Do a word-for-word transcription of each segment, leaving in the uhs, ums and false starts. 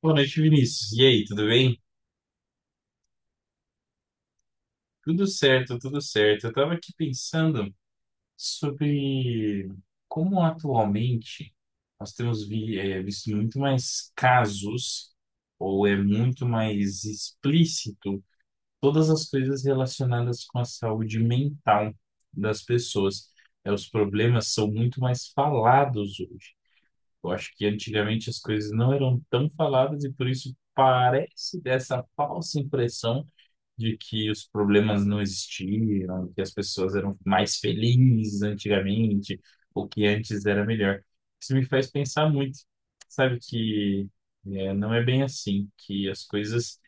Boa noite, Vinícius. E aí, tudo bem? Tudo certo, tudo certo. Eu estava aqui pensando sobre como atualmente nós temos vi- eh, visto muito mais casos, ou é muito mais explícito, todas as coisas relacionadas com a saúde mental das pessoas. Eh, os problemas são muito mais falados hoje. Eu acho que antigamente as coisas não eram tão faladas e por isso parece dessa falsa impressão de que os problemas não existiam, que as pessoas eram mais felizes antigamente, ou que antes era melhor. Isso me faz pensar muito, sabe, que é, não é bem assim, que as coisas,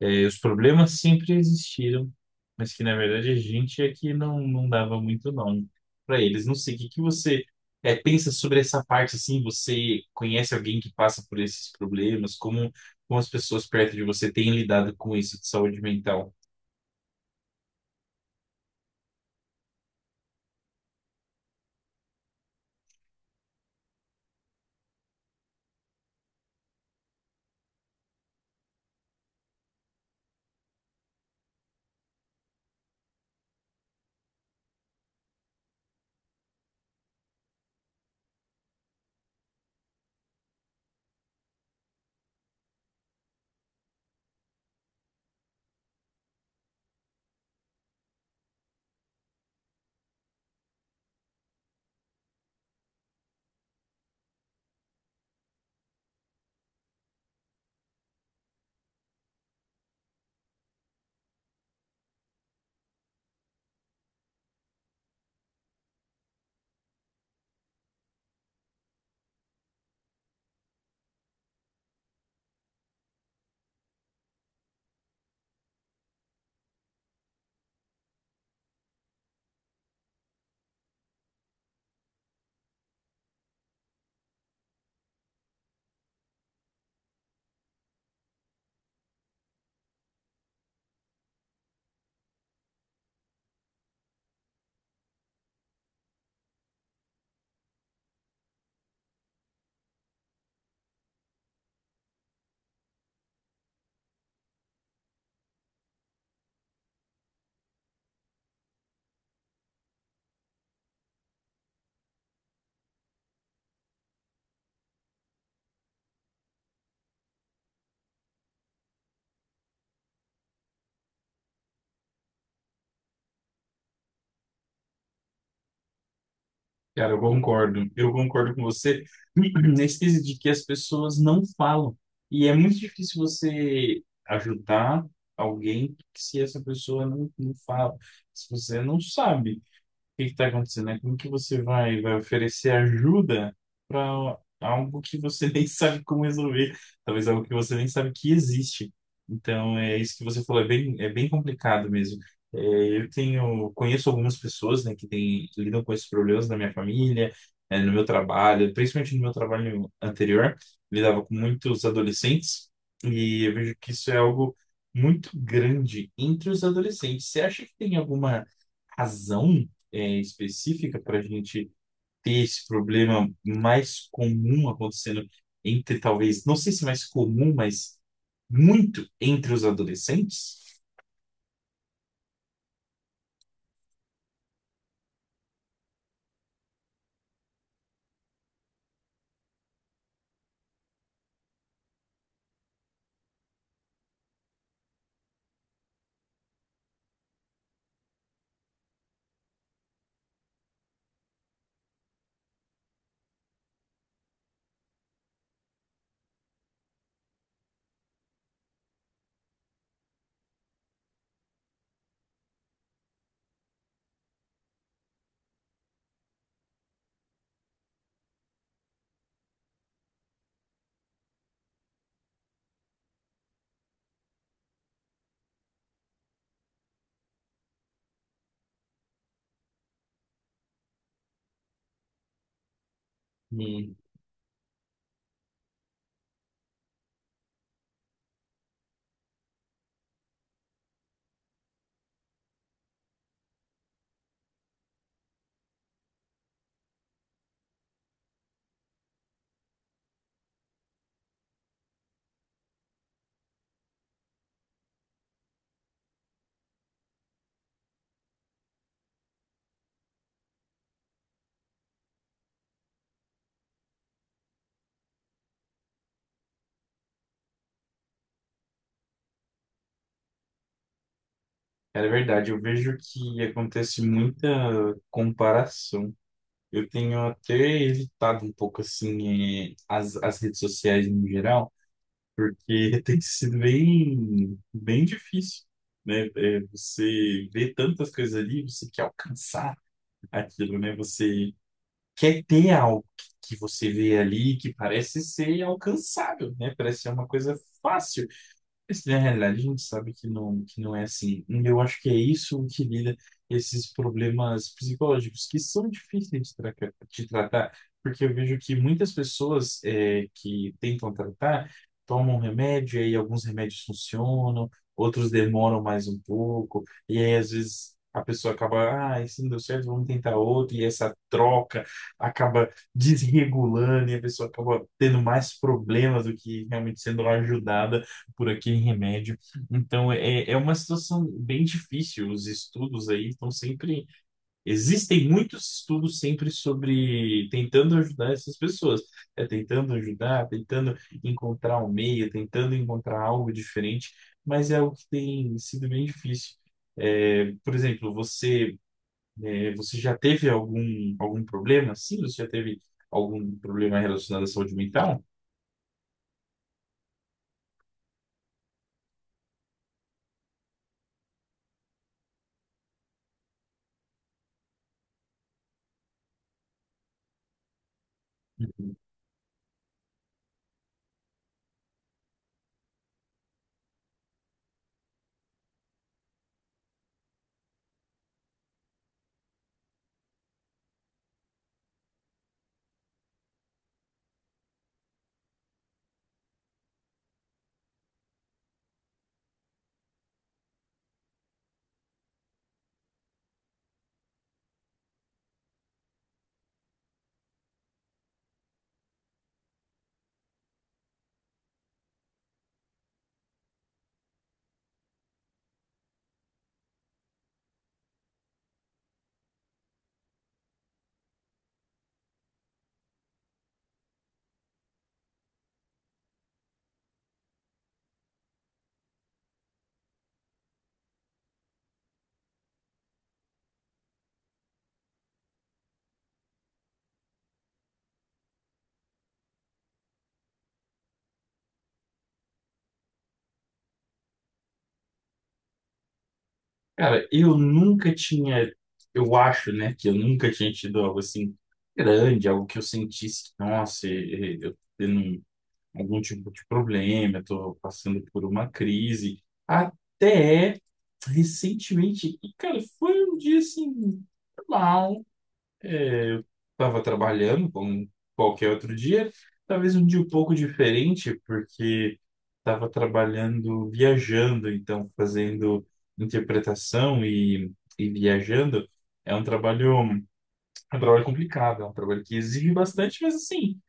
é, os problemas sempre existiram, mas que na verdade a gente é que não, não dava muito nome para eles. Não sei, o que que você é, pensa sobre essa parte, assim, você conhece alguém que passa por esses problemas, como, como as pessoas perto de você têm lidado com isso de saúde mental? Cara, eu concordo. Eu concordo com você nesse quesito de que as pessoas não falam. E é muito difícil você ajudar alguém se essa pessoa não, não fala, se você não sabe que está acontecendo, né? Como que você vai, vai oferecer ajuda para algo que você nem sabe como resolver? Talvez algo que você nem sabe que existe. Então, é isso que você falou, é bem, é bem complicado mesmo. É, eu tenho, conheço algumas pessoas, né, que têm, que lidam com esses problemas na minha família, é, no meu trabalho, principalmente no meu trabalho anterior, lidava com muitos adolescentes, e eu vejo que isso é algo muito grande entre os adolescentes. Você acha que tem alguma razão é, específica para a gente ter esse problema mais comum acontecendo entre, talvez, não sei se mais comum, mas muito entre os adolescentes. E, cara, é verdade, eu vejo que acontece muita comparação. Eu tenho até evitado um pouco, assim, eh, as, as redes sociais no geral, porque tem sido bem, bem difícil. Né? Eh, você vê tantas coisas ali, você quer alcançar aquilo, né? Você quer ter algo que que você vê ali que parece ser alcançável, né? Parece ser uma coisa fácil. Esse, na realidade, a gente sabe que não, que não é assim. E eu acho que é isso que lida esses problemas psicológicos, que são difíceis de, tra de tratar, porque eu vejo que muitas pessoas é, que tentam tratar tomam remédio, e aí alguns remédios funcionam, outros demoram mais um pouco, e aí às vezes a pessoa acaba, ah, esse não deu certo, vamos tentar outro, e essa troca acaba desregulando, e a pessoa acaba tendo mais problemas do que realmente sendo ajudada por aquele remédio. Então, é, é uma situação bem difícil. Os estudos aí estão sempre. Existem muitos estudos sempre sobre tentando ajudar essas pessoas. É, tentando ajudar, tentando encontrar um meio, tentando encontrar algo diferente, mas é algo que tem sido bem difícil. É, por exemplo, você, é, você já teve algum, algum problema? Sim, você já teve algum problema relacionado à saúde mental? Cara, eu nunca tinha, eu acho, né, que eu nunca tinha tido algo assim grande, algo que eu sentisse, nossa, eh, eu tô tendo um- algum tipo de problema, eu tô passando por uma crise, até recentemente, e, cara, foi um dia assim, normal, estava trabalhando como qualquer outro dia, talvez um dia um pouco diferente, porque estava trabalhando viajando, então fazendo interpretação e, e viajando. É um trabalho, é um trabalho complicado, é um trabalho que exige bastante, mas assim,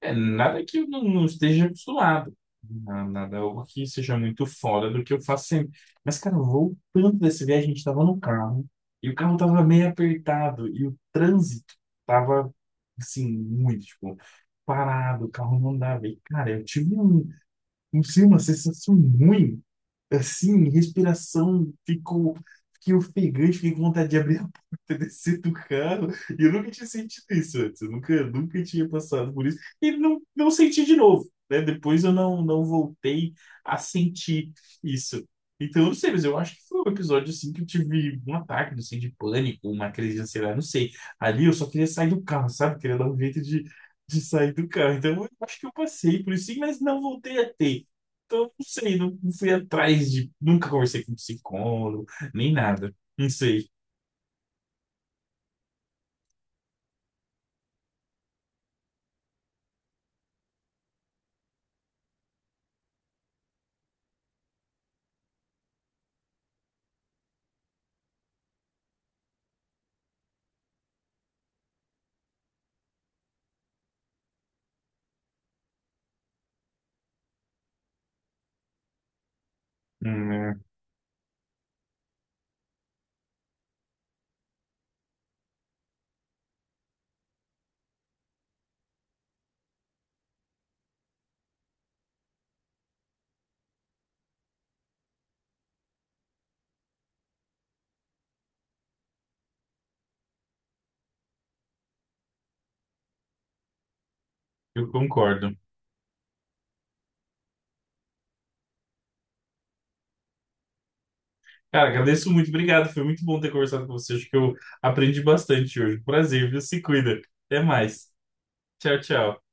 é, nada que eu não, não esteja acostumado. Na- Nada, é algo que seja muito fora do que eu faço sempre. Mas, cara, voltando dessa viagem, a gente tava no carro e o carro tava meio apertado e o trânsito tava, assim, muito, tipo, parado, o carro não dava. E, cara, eu tive um, um, sim, uma sensação ruim assim, respiração, ficou, fiquei ofegante, fiquei com vontade de abrir a porta, descer do carro, e eu nunca tinha sentido isso antes, eu nunca, nunca tinha passado por isso, e não, não senti de novo, né? Depois eu não, não voltei a sentir isso. Então, eu não sei, mas eu acho que foi um episódio assim que eu tive um ataque, não sei, de pânico, uma crise de ansiedade, não sei. Ali eu só queria sair do carro, sabe? Queria dar um jeito de, de sair do carro. Então, eu acho que eu passei por isso, sim, mas não voltei a ter. Então, não sei, não, não fui atrás de. Nunca conversei com psicólogo, nem nada. Não sei. Hum, é, eu concordo. Cara, agradeço muito, obrigado. Foi muito bom ter conversado com você. Acho que eu aprendi bastante hoje. Prazer, viu? Se cuida. Até mais. Tchau, tchau.